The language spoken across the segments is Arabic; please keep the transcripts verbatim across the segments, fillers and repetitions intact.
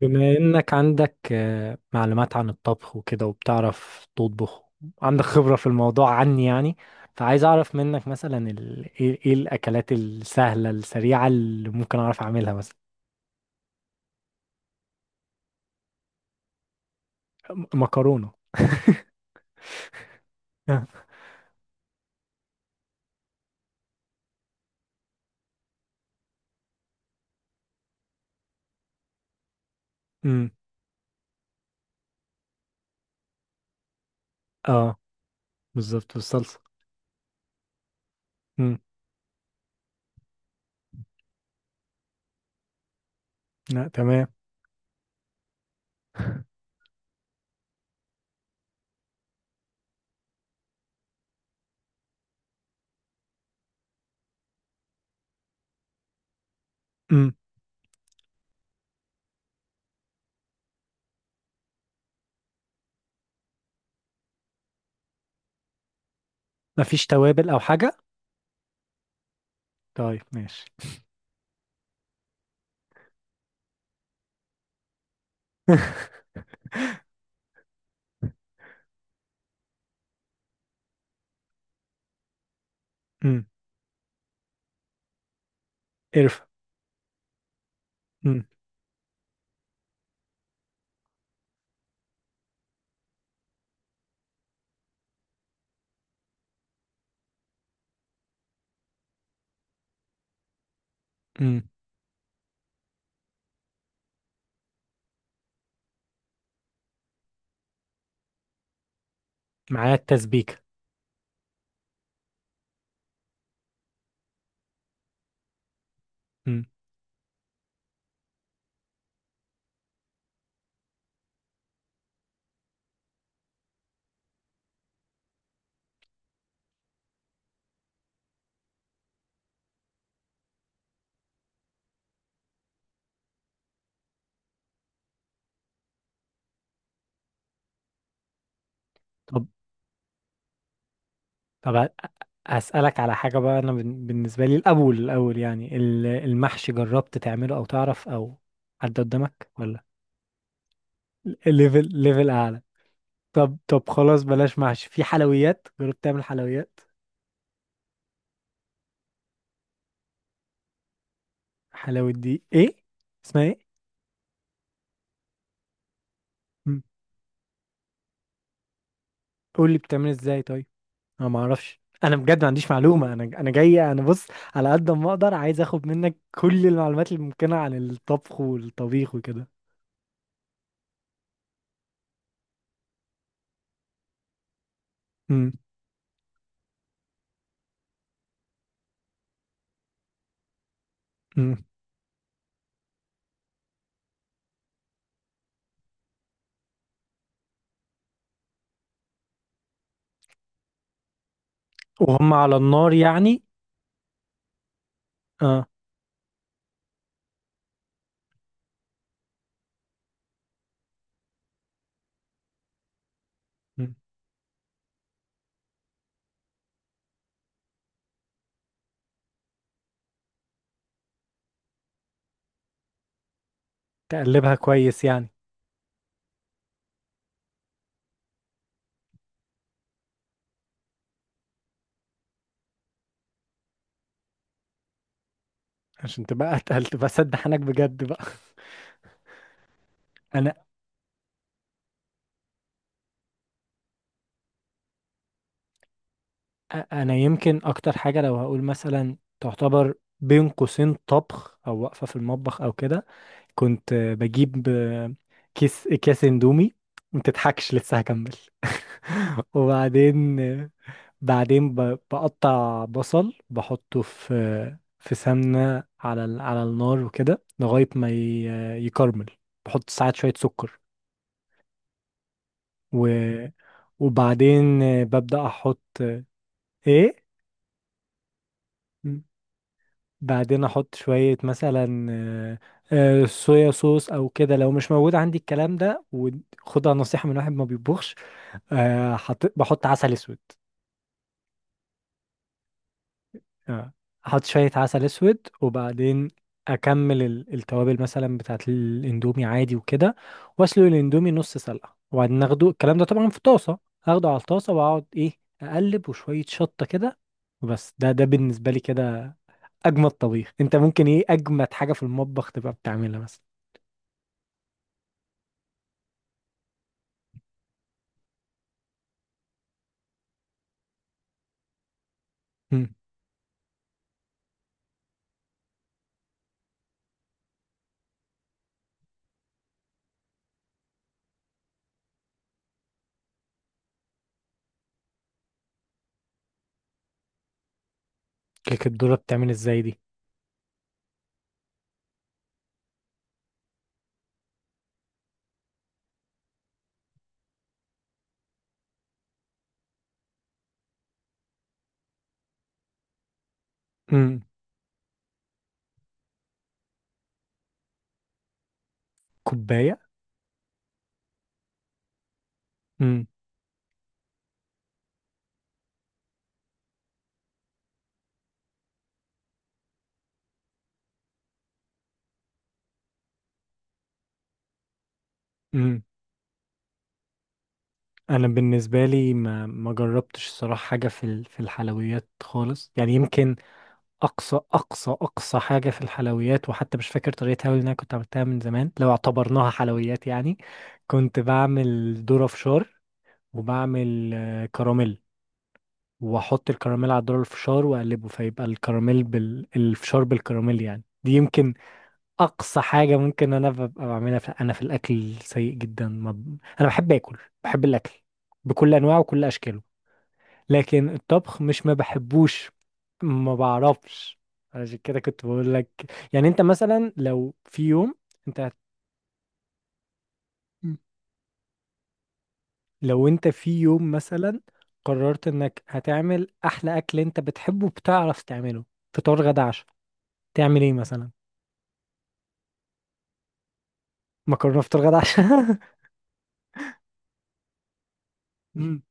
بما انك عندك آه، معلومات عن الطبخ وكده وبتعرف تطبخ. عندك خبرة في الموضوع عني، يعني. فعايز اعرف منك مثلا ال... ايه إيه الاكلات السهلة السريعة اللي ممكن اعرف اعملها مثلا. م- مكرونة. اه. أمم. آه، بالظبط بالصلصة. أمم. لا، تمام. أمم. مفيش توابل او حاجة؟ طيب، ماشي. أمم. قرفة؟ أمم. أمم. معايا التسبيكة. أمم. طب طب، أ- أسألك على حاجة بقى. أنا بن- بالنسبة لي الأول الأول، يعني ال- المحشي، جربت تعمله أو تعرف أو حد قدامك ولا؟ ليفل ليفل أعلى. طب طب، خلاص بلاش محشي. في حلويات جربت تعمل حلويات؟ حلاوة دي إيه؟ اسمها إيه؟ مم. قول لي بتعمل إزاي طيب. أنا ما أعرفش، أنا بجد ما عنديش معلومة، أنا أنا جاي. أنا بص على قد ما أقدر، عايز أخد منك كل المعلومات الممكنة عن الطبخ والطبيخ وكده. مم. مم. وهم على النار يعني؟ آه. تقلبها كويس يعني؟ عشان تبقى اتقل، تبقى سد حنك بجد بقى. انا انا يمكن اكتر حاجه، لو هقول مثلا تعتبر بين قوسين طبخ او واقفه في المطبخ او كده، كنت بجيب كيس اكياس اندومي. ما تضحكش، لسه هكمل. وبعدين بعدين، ب- بقطع بصل بحطه في في سمنه على ال- على النار وكده، لغايه ما ي- يكرمل. بحط ساعات شويه سكر و... وبعدين آه، ببدأ أحط آه، إيه؟ م- بعدين أحط شوية مثلا آه، آه، صويا صوص أو كده لو مش موجود عندي الكلام ده، وخدها نصيحة من واحد ما بيطبخش. آه، حط... بحط عسل أسود. آه، احط شوية عسل اسود، وبعدين اكمل ال- التوابل مثلا بتاعت الاندومي عادي وكده. واسلق الاندومي نص سلقة، وبعدين اخده الكلام ده طبعا في طاسة. اخده على الطاسة واقعد ايه، اقلب وشوية شطة كده. وبس، ده ده بالنسبة لي كده. اجمد طبيخ انت ممكن، ايه اجمد حاجة في المطبخ تبقى بتعملها مثلا؟ امم. كيكة الذرة بتعمل ازاي دي؟ امم. كوباية؟ امم. امم. انا بالنسبة لي ما ما جربتش الصراحة حاجة في ال- في الحلويات خالص، يعني يمكن اقصى اقصى اقصى حاجه في الحلويات، وحتى مش فاكر طريقتها أوي، لأن انا كنت عملتها من زمان، لو اعتبرناها حلويات يعني، كنت بعمل ذره فشار. وبعمل آه، كراميل، واحط الكراميل على الذره الفشار واقلبه، فيبقى الكراميل بال... الفشار بالكراميل. يعني دي يمكن اقصى حاجه ممكن انا ببقى بعملها في... انا في الاكل سيء جدا، ما... ب- انا بحب اكل. بحب الاكل بكل انواعه وكل اشكاله. لكن الطبخ مش ما بحبوش، ما بعرفش. عشان كده كنت بقول لك، يعني انت مثلا لو في يوم انت هت- مم. لو انت في يوم مثلا قررت انك هتعمل احلى اكل انت بتحبه بتعرف تعمله، فطار غدا عشاء، تعمل ايه مثلا؟ مكرونه فطار غدا عشاء. مم.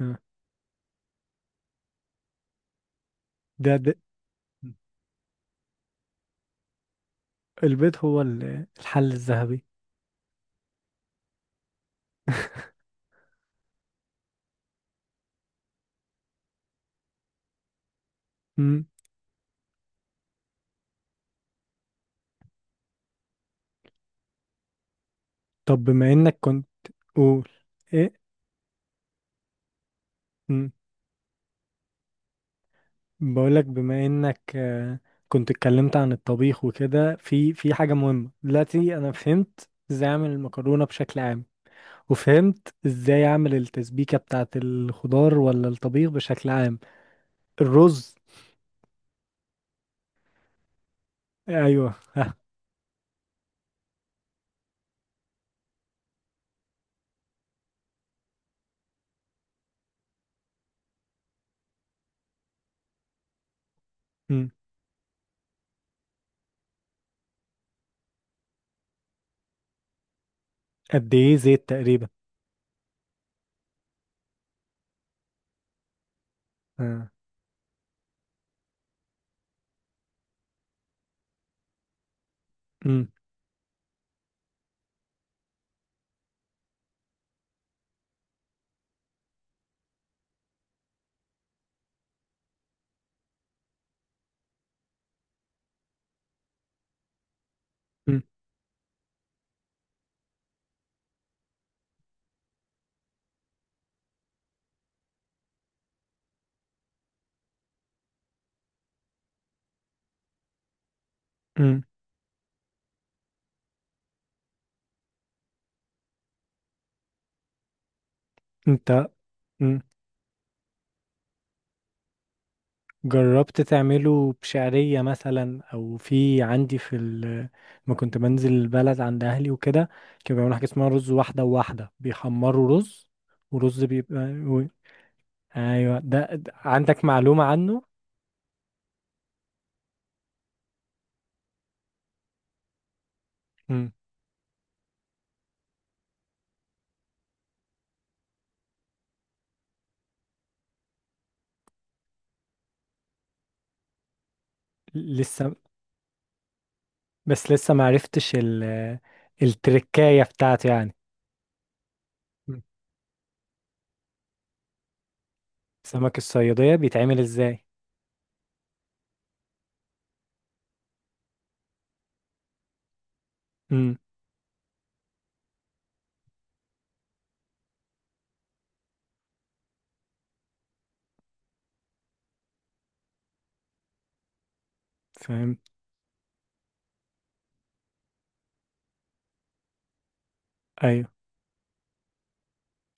آه. ده, ده البيض هو ال- الحل الذهبي. مم. طب بما انك كنت، قول. ايه؟ بقولك، بما انك آه، كنت اتكلمت عن الطبيخ وكده، في في حاجة مهمة دلوقتي. انا فهمت ازاي اعمل المكرونة بشكل عام، وفهمت ازاي اعمل التسبيكة بتاعة الخضار ولا الطبيخ بشكل عام. الرز؟ ايوه. مم. قد ايه زيت تقريبا؟ آه. مم. مم. مم. انت مم. جربت تعمله بشعرية مثلا، او في عندي في ال... ما كنت بنزل البلد عند اهلي وكده، كانوا بيعملوا حاجة اسمها رز واحدة وواحدة، بيحمروا رز ورز بيبقى و... ايوه. ده, ده عندك معلومة عنه؟ مم. لسه، بس لسه ما عرفتش ال... التركاية بتاعته يعني. مم. سمك الصيادية بيتعمل ازاي؟ امم. فاهم. أيوة.